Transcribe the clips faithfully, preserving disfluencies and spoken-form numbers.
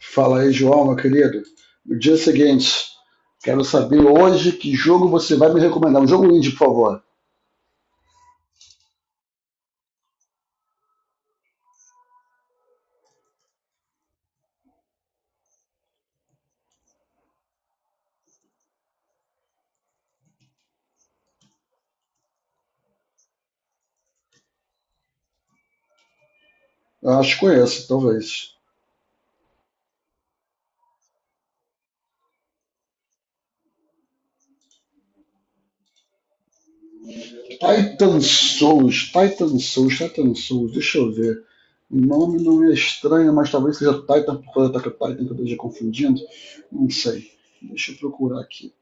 Fala aí, João, meu querido. No dia seguinte, quero saber hoje que jogo você vai me recomendar. Um jogo indie, por favor. Eu acho que conheço, talvez. Titan Souls, Titan Souls, Titan Souls, deixa eu ver. O nome não é estranho, mas talvez seja Titan, por causa da Titan, que eu esteja confundindo. Não sei. Deixa eu procurar aqui.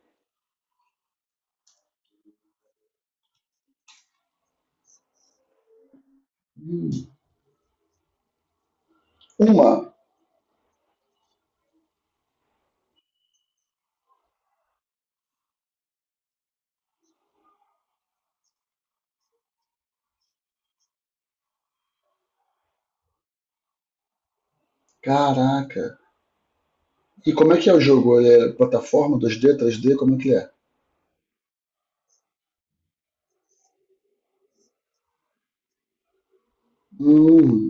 Hum. Uma. Caraca. E como é que é o jogo? Ele é plataforma? Dois d, Três d? Como é que é? Hum.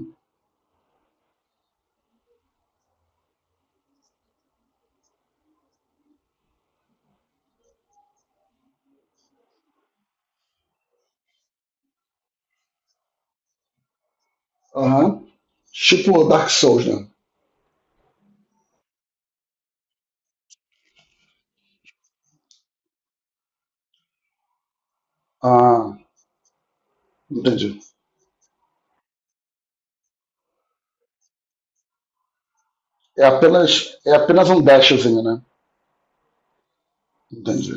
Aham. Tipo Dark Souls, né? Ah, entendi. É apenas, é apenas um dashzinho, né? Entendi.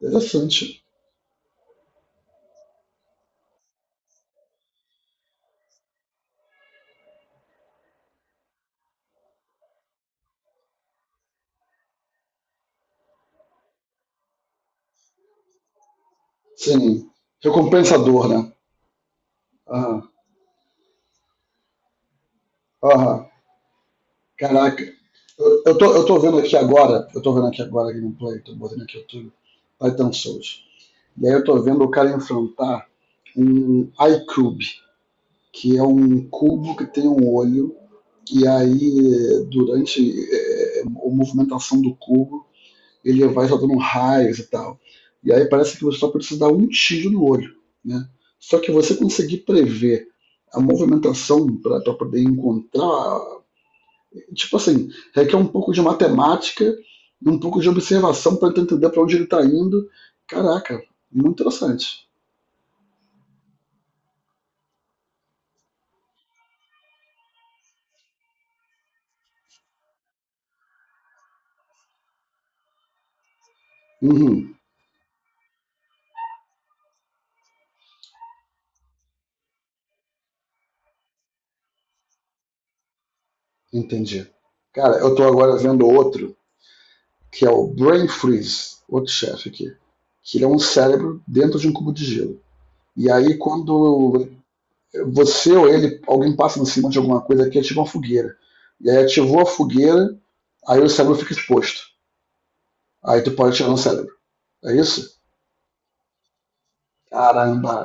Interessante. Sim. Recompensador, né? Aham. Aham. Caraca. Eu, eu, tô, eu tô vendo aqui agora, eu tô vendo aqui agora a gameplay, tô botando aqui o YouTube, Titan Souls. E aí eu tô vendo o cara enfrentar um iCube, que é um cubo que tem um olho, e aí durante eh, a movimentação do cubo ele vai soltando raios e tal. E aí parece que você só precisa dar um tiro no olho, né? Só que você conseguir prever a movimentação para poder encontrar, tipo assim, requer um pouco de matemática, um pouco de observação para entender para onde ele está indo. Caraca, muito interessante. Uhum, entendi. Cara, eu tô agora vendo outro, que é o Brain Freeze, outro chefe aqui, que ele é um cérebro dentro de um cubo de gelo. E aí, quando você ou ele, alguém passa em cima de alguma coisa que ativa uma fogueira. E aí ativou a fogueira, aí o cérebro fica exposto. Aí tu pode tirar no cérebro. É isso? Caramba!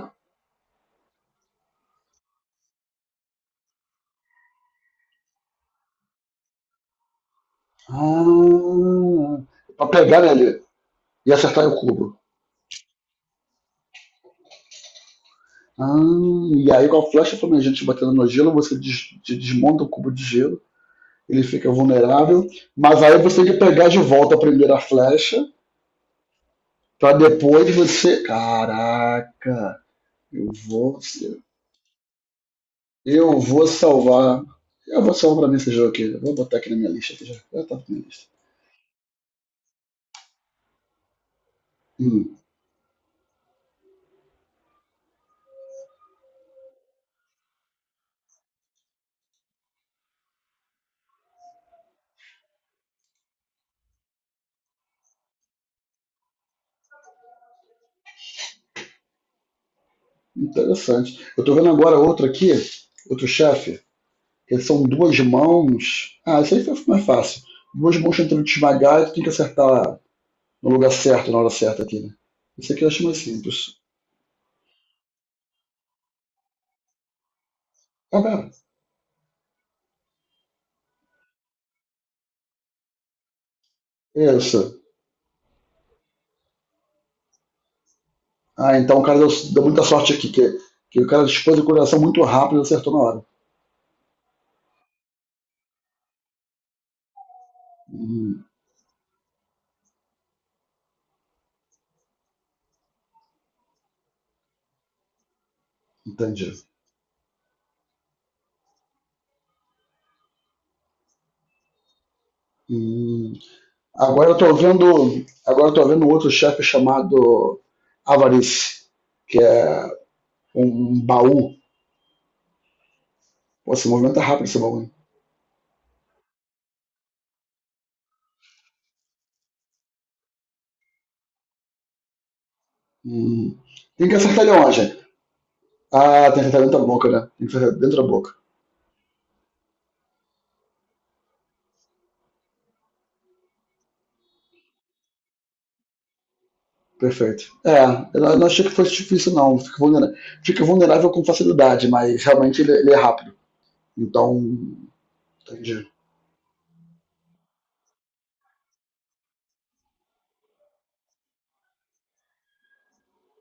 Ah, pra pegar nele e acertar o cubo. Ah, e aí com a flecha flamejante batendo no gelo, você des des desmonta o cubo de gelo, ele fica vulnerável, mas aí você tem que pegar de volta a primeira flecha, pra depois você. Caraca! Eu vou ser. Eu vou salvar. Eu vou salvar pra mim esse jogo aqui. Eu vou botar aqui na minha lista. Aqui já, já tá na minha lista. Hum, interessante. Eu tô vendo agora outro aqui, outro chefe, que são duas mãos. Ah, isso aí foi mais fácil. Duas mãos tentando te esmagar e tu tem que acertar no lugar certo, na hora certa aqui, né? Isso aqui eu acho mais simples. Ah, pera. Isso. Ah, então o cara deu, deu muita sorte aqui, que, que o cara dispôs o coração muito rápido e acertou na hora. Hum, entendi. Hum. Agora eu tô vendo, agora eu tô vendo outro chefe chamado Avarice, que é um um baú. Pô, se movimenta rápido esse baú. Hum. Tem que acertar ele onde? Ah, tem que acertar dentro da boca, né? Tem que acertar dentro da boca. Perfeito. É, eu não achei que fosse difícil, não. Fica vulnerável, fica vulnerável com facilidade, mas realmente ele, ele é rápido. Então, entendi.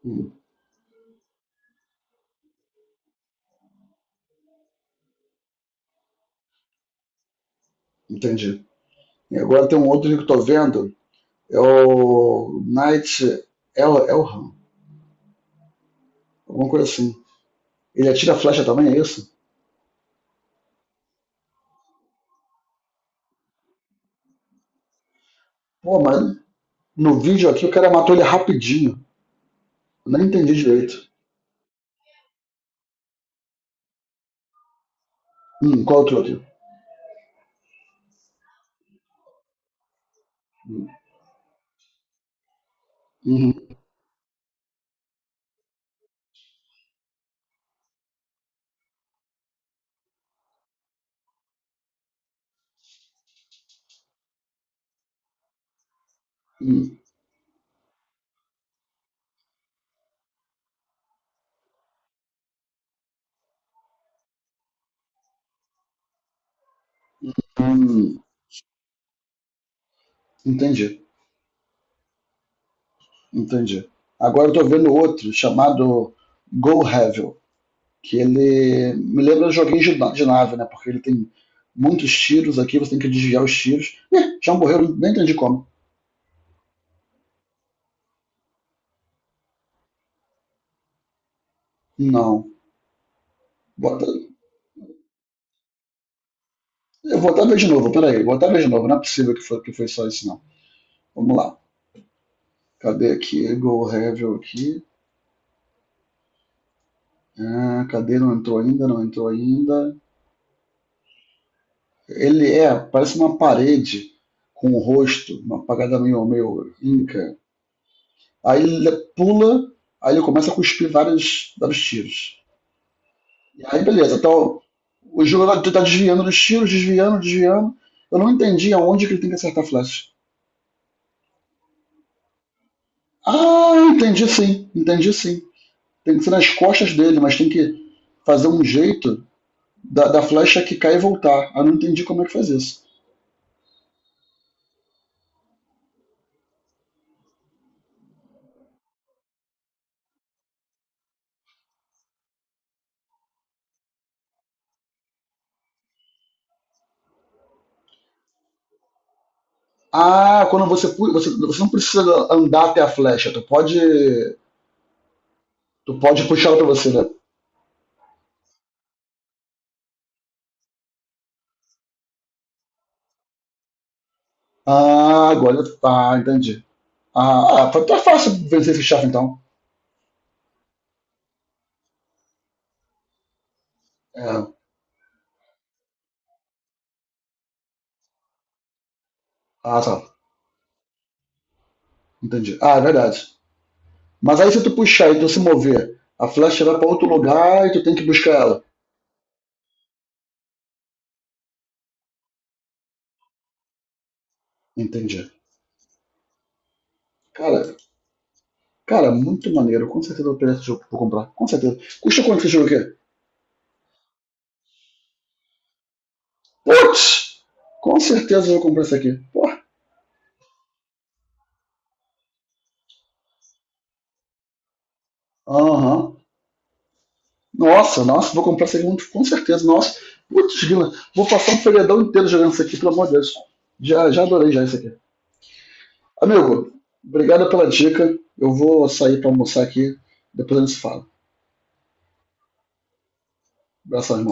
Hum, entendi. E agora tem um outro que eu tô vendo, é o Knight El Elham, alguma coisa assim. Ele atira flecha também, é isso? Pô, mas no vídeo aqui o cara matou ele rapidinho. Eu nem entendi direito. Hum, qual outro aqui? Uhum. Hum, hum, hum, hum, hum. Entendi, entendi. Agora eu tô vendo outro chamado Go Hevel, que ele me lembra de joguinho de na- de nave, né? Porque ele tem muitos tiros aqui, você tem que desviar os tiros. Ih, já morreu, nem entendi como. Não. Bota- eu vou até ver de novo, peraí, vou até ver de novo. Não é possível que foi, que foi só isso, não. Vamos lá. Cadê aqui? Go Hevel aqui. Ah, cadê? Não entrou ainda, não entrou ainda. Ele é, parece uma parede com o rosto, uma pagada meio, meio inca. Aí ele pula, aí ele começa a cuspir vários, vários tiros. E aí, beleza, então o jogador tá tá desviando dos tiros, desviando, desviando. Eu não entendi aonde que ele tem que acertar a flecha. Ah, entendi sim, entendi sim. Tem que ser nas costas dele, mas tem que fazer um jeito da, da flecha que cai e voltar. Ah, não entendi como é que faz isso. Ah, quando você, pu- você, você não precisa andar até a flecha, tu pode, tu pode puxar ela pra você, né? Ah, agora, tá, entendi. Ah, ah, tá, tá fácil vencer esse chefe então. É, ah, tá, entendi. Ah, é verdade. Mas aí se tu puxar e tu se mover, a flecha vai pra outro lugar e tu tem que buscar ela. Entendi. Cara, cara, muito maneiro. Com certeza eu vou pegar esse jogo pra comprar. Com certeza. Custa quanto esse jogo aqui? Putz! Com certeza eu vou comprar esse aqui. Pô. Aham. Nossa, nossa, vou comprar Segmento com certeza. Nossa, putz, grila, vou passar um feriadão inteiro jogando isso aqui, pelo amor de Deus. Já, já adorei já isso aqui. Amigo, obrigado pela dica. Eu vou sair para almoçar aqui, depois a gente se fala. Abração, irmão.